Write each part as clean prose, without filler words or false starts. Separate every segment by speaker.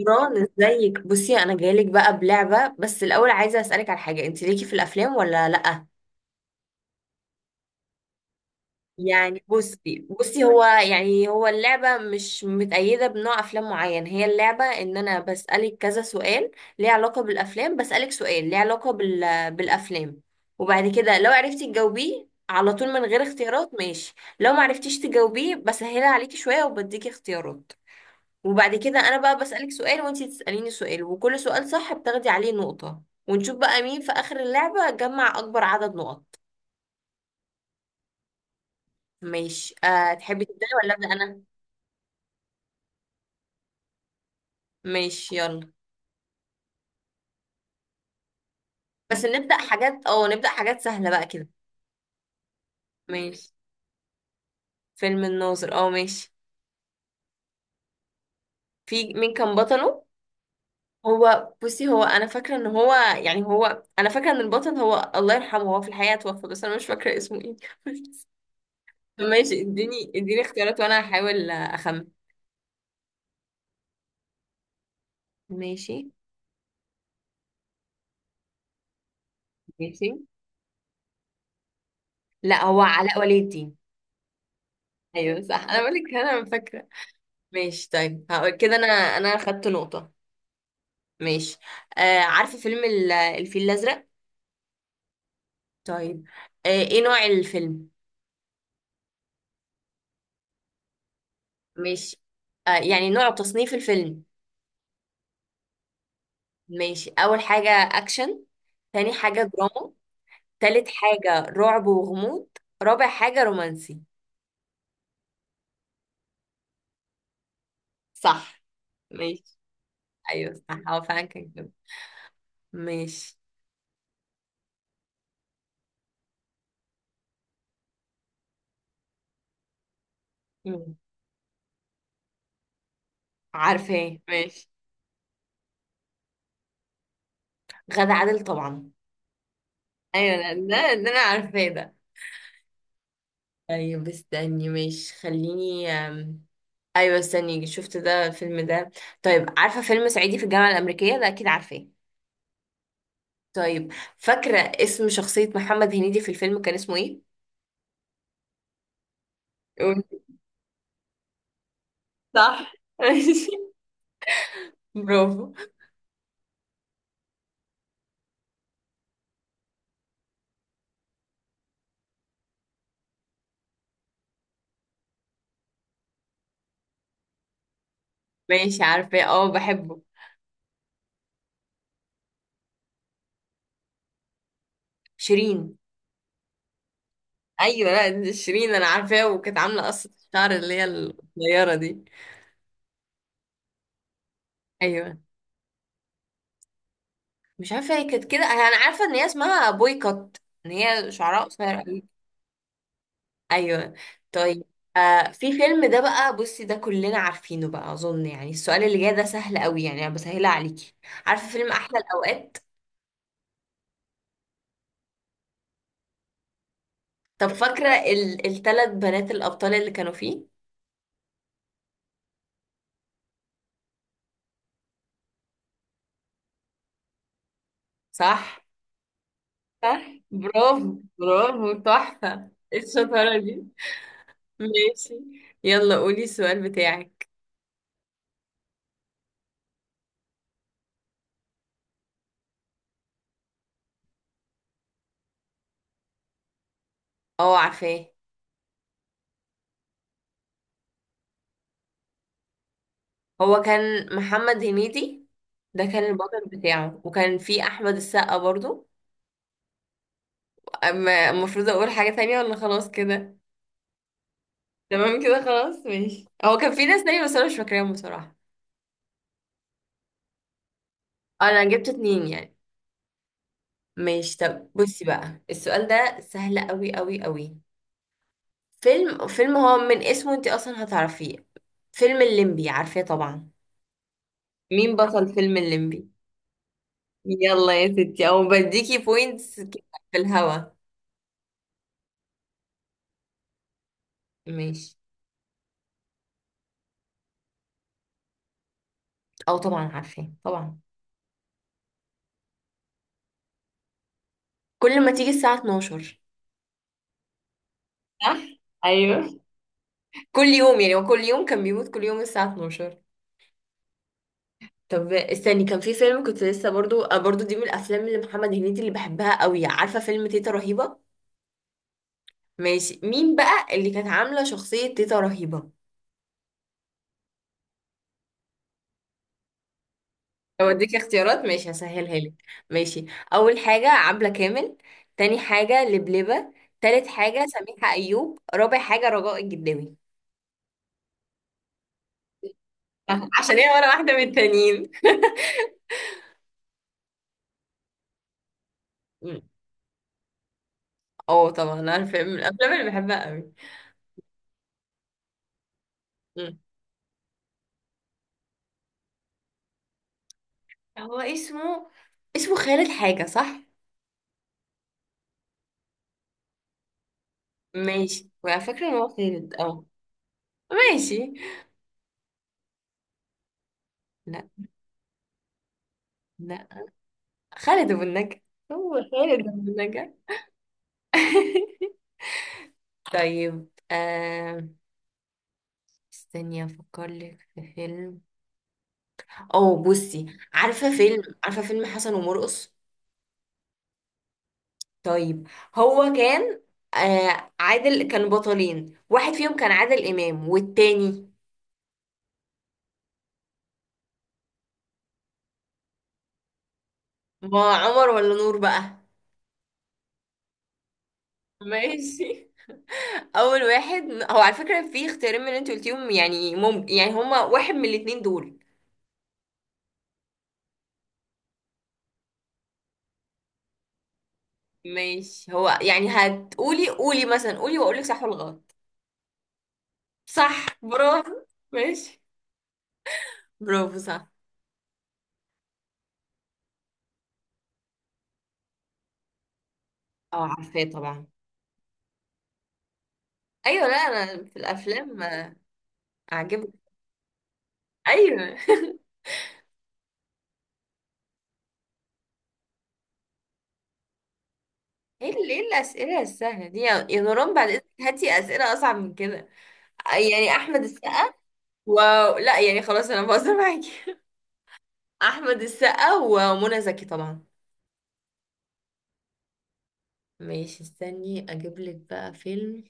Speaker 1: نوران ازيك؟ بصي انا جايلك بقى بلعبه، بس الاول عايزه اسالك على حاجه. انت ليكي في الافلام ولا لا؟ يعني بصي هو اللعبه مش متأيده بنوع افلام معين. هي اللعبه ان انا بسالك كذا سؤال ليه علاقه بالافلام. بسالك سؤال ليه علاقه بالافلام، وبعد كده لو عرفتي تجاوبيه على طول من غير اختيارات، ماشي. لو ما عرفتيش تجاوبيه، بسهلها عليكي شويه وبديكي اختيارات. وبعد كده انا بقى بسألك سؤال وانتي تسأليني سؤال، وكل سؤال صح بتاخدي عليه نقطة، ونشوف بقى مين في آخر اللعبة جمع أكبر عدد نقط. ماشي. أه تحبي تبدأي ولا أبدأ أنا؟ ماشي، يلا. بس نبدأ حاجات، نبدأ حاجات سهلة بقى كده. ماشي. فيلم الناظر، اه ماشي. في، مين كان بطله؟ هو بصي، هو انا فاكره ان هو يعني هو انا فاكره ان البطل هو الله يرحمه، هو في الحقيقه توفى، بس انا مش فاكره اسمه ايه. ماشي، اديني اختيارات وانا هحاول اخمن. ماشي. ماشي، لا، هو علاء ولي الدين. ايوه صح، انا بقول لك انا فاكره. ماشي، طيب هقول كده انا. انا خدت نقطه. ماشي. آه، عارفه فيلم الفيل الازرق؟ طيب. آه، ايه نوع الفيلم؟ ماشي. آه، يعني نوع تصنيف الفيلم. ماشي، اول حاجه اكشن، تاني حاجه دراما، تالت حاجه رعب وغموض، رابع حاجه رومانسي. صح. ماشي. ايوه صح، هو فعلا كان كده. ماشي. مم. عارفه إيه؟ ماشي. غادة عادل طبعا. ايوه لا، ده اللي انا عارفاه ده. طيب استني ماشي، خليني ايوه استني، شفت ده الفيلم ده. طيب، عارفه فيلم صعيدي في الجامعه الامريكيه؟ ده اكيد عارفاه. طيب، فاكره اسم شخصيه محمد هنيدي في الفيلم كان اسمه ايه؟ قولي. صح. ماشي، برافو. ماشي، عارفاه، اه بحبه. شيرين. ايوه لا، دي شيرين انا عارفاه، وكانت عامله قصه الشعر اللي هي القصيره دي. ايوه. مش عارفه هي كانت كده، انا عارفه ان هي اسمها بويكوت، ان هي شعرها قصير. ايوه. طيب. آه، في فيلم ده بقى، بصي ده كلنا عارفينه بقى اظن، يعني السؤال اللي جاي ده سهل قوي، يعني انا بسهلها عليكي. عارفه فيلم احلى الاوقات؟ طب فاكره الثلاث بنات الابطال اللي كانوا فيه؟ صح. صح. برافو برافو، تحفه، إيه الشطاره دي؟ ماشي. يلا قولي السؤال بتاعك. اه عارفاه. هو كان محمد هنيدي، ده كان البطل بتاعه، وكان فيه احمد السقا برضو. المفروض اقول حاجه تانية ولا خلاص كده؟ تمام كده خلاص، ماشي. هو كان في ناس تانية بس انا مش فاكراهم بصراحة. انا جبت اتنين يعني. ماشي، طب بصي بقى السؤال ده سهل قوي قوي قوي. فيلم هو من اسمه انت اصلا هتعرفيه. فيلم الليمبي عارفاه طبعا. مين بطل فيلم الليمبي؟ يلا يا ستي، او بديكي بوينتس كده في الهوا. ماشي. او طبعا عارفاه طبعا. كل ما تيجي الساعة 12. صح. ايوه، كل يوم، يعني هو كل يوم كان بيموت، كل يوم الساعة 12. طب استني، كان في فيلم كنت لسه برضو برضو دي من الافلام اللي محمد هنيدي اللي بحبها قوي. عارفه فيلم تيتا رهيبه؟ ماشي. مين بقى اللي كانت عامله شخصيه تيتا رهيبه؟ اوديك اختيارات، ماشي هسهلها لك. ماشي. اول حاجه عبله كامل، تاني حاجه لبلبه، تالت حاجه سميحه ايوب، رابع حاجه رجاء الجداوي. عشان هي ولا واحده من التانيين. م. اه طبعا، انا فيلم من الافلام اللي بحبها قوي. م. هو اسمه، اسمه خالد حاجه، صح؟ ماشي، وعلى فكره ان هو خالد اه. ماشي. لا. لا، خالد أبو النجا، هو خالد أبو النجا. طيب استني افكر لك في فيلم. او بصي، عارفه فيلم حسن ومرقص؟ طيب. هو كان، آه عادل، كانوا بطلين، واحد فيهم كان عادل امام، والتاني؟ ما عمر ولا نور بقى. ماشي، اول واحد، هو على فكره في اختيارين من اللي انت قلتيهم، يعني ممكن، يعني هما واحد من الاتنين دول. ماشي، هو يعني هتقولي، قولي مثلا، قولي واقولك صح ولا غلط. صح، برافو. ماشي، برافو صح. اه عارفاه طبعا. ايوه لا، انا في الافلام اعجبك. ايوه. ايه ايه الاسئله السهله دي يا نوران؟ بعد اذنك هاتي اسئله اصعب من كده. يعني احمد السقا و، لا يعني خلاص انا بهزر معاكي. احمد السقا ومنى زكي طبعا. ماشي، استني اجيب لك بقى فيلم.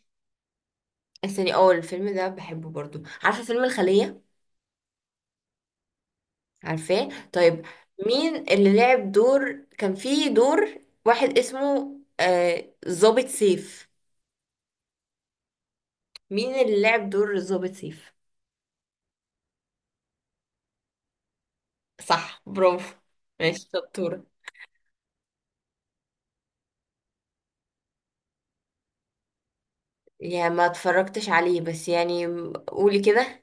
Speaker 1: استني، اه الفيلم ده بحبه برضو. عارفه فيلم الخليه؟ عارفاه؟ طيب، مين اللي لعب دور، كان في دور واحد اسمه ظابط سيف، مين اللي لعب دور ظابط سيف؟ صح، برافو. ماشي شطورة. يا ما اتفرجتش عليه، بس يعني قولي كده.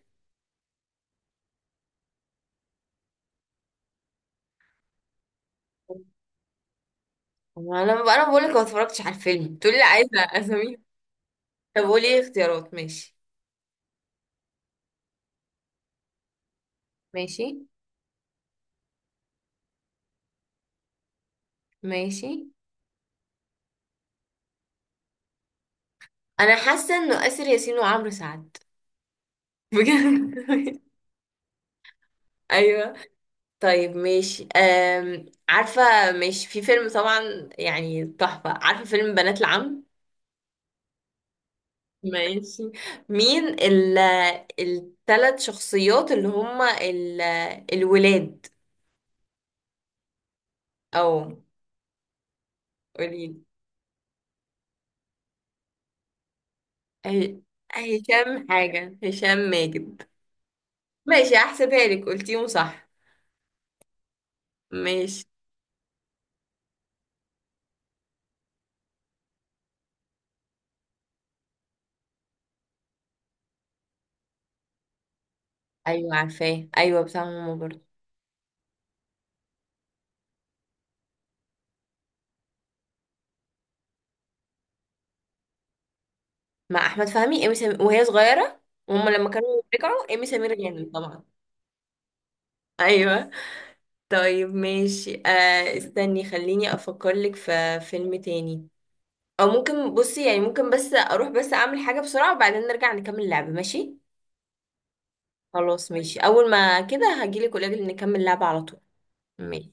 Speaker 1: ما انا، بقول لك ما اتفرجتش على الفيلم تقولي لي عايزه اساميها. طب قولي اختيارات، ماشي. ماشي. ماشي، انا حاسه انه اسر ياسين وعمرو سعد. بجد. ايوه. طيب ماشي عارفة. ماشي، في فيلم طبعا يعني تحفة، عارفة فيلم بنات العم؟ ماشي. مين التلات شخصيات اللي هما الولاد؟ أو. قوليلي. ه- هشام حاجة، هشام ماجد. ماشي، هحسبها لك، قلتيهم صح. ماشي. أيوة عارفاه، أيوة بتاع ماما برضه. مع أحمد فهمي إيمي سمير وهي صغيرة، وهما لما كانوا رجعوا إيمي سمير غانم طبعا. أيوة. طيب ماشي، آه استني خليني افكر لك في فيلم تاني. او ممكن بصي، يعني ممكن بس اروح بس اعمل حاجة بسرعة، وبعدين نرجع نكمل اللعبة، ماشي؟ خلاص ماشي، اول ما كده هجيلك قولك نكمل اللعبة على طول. ماشي.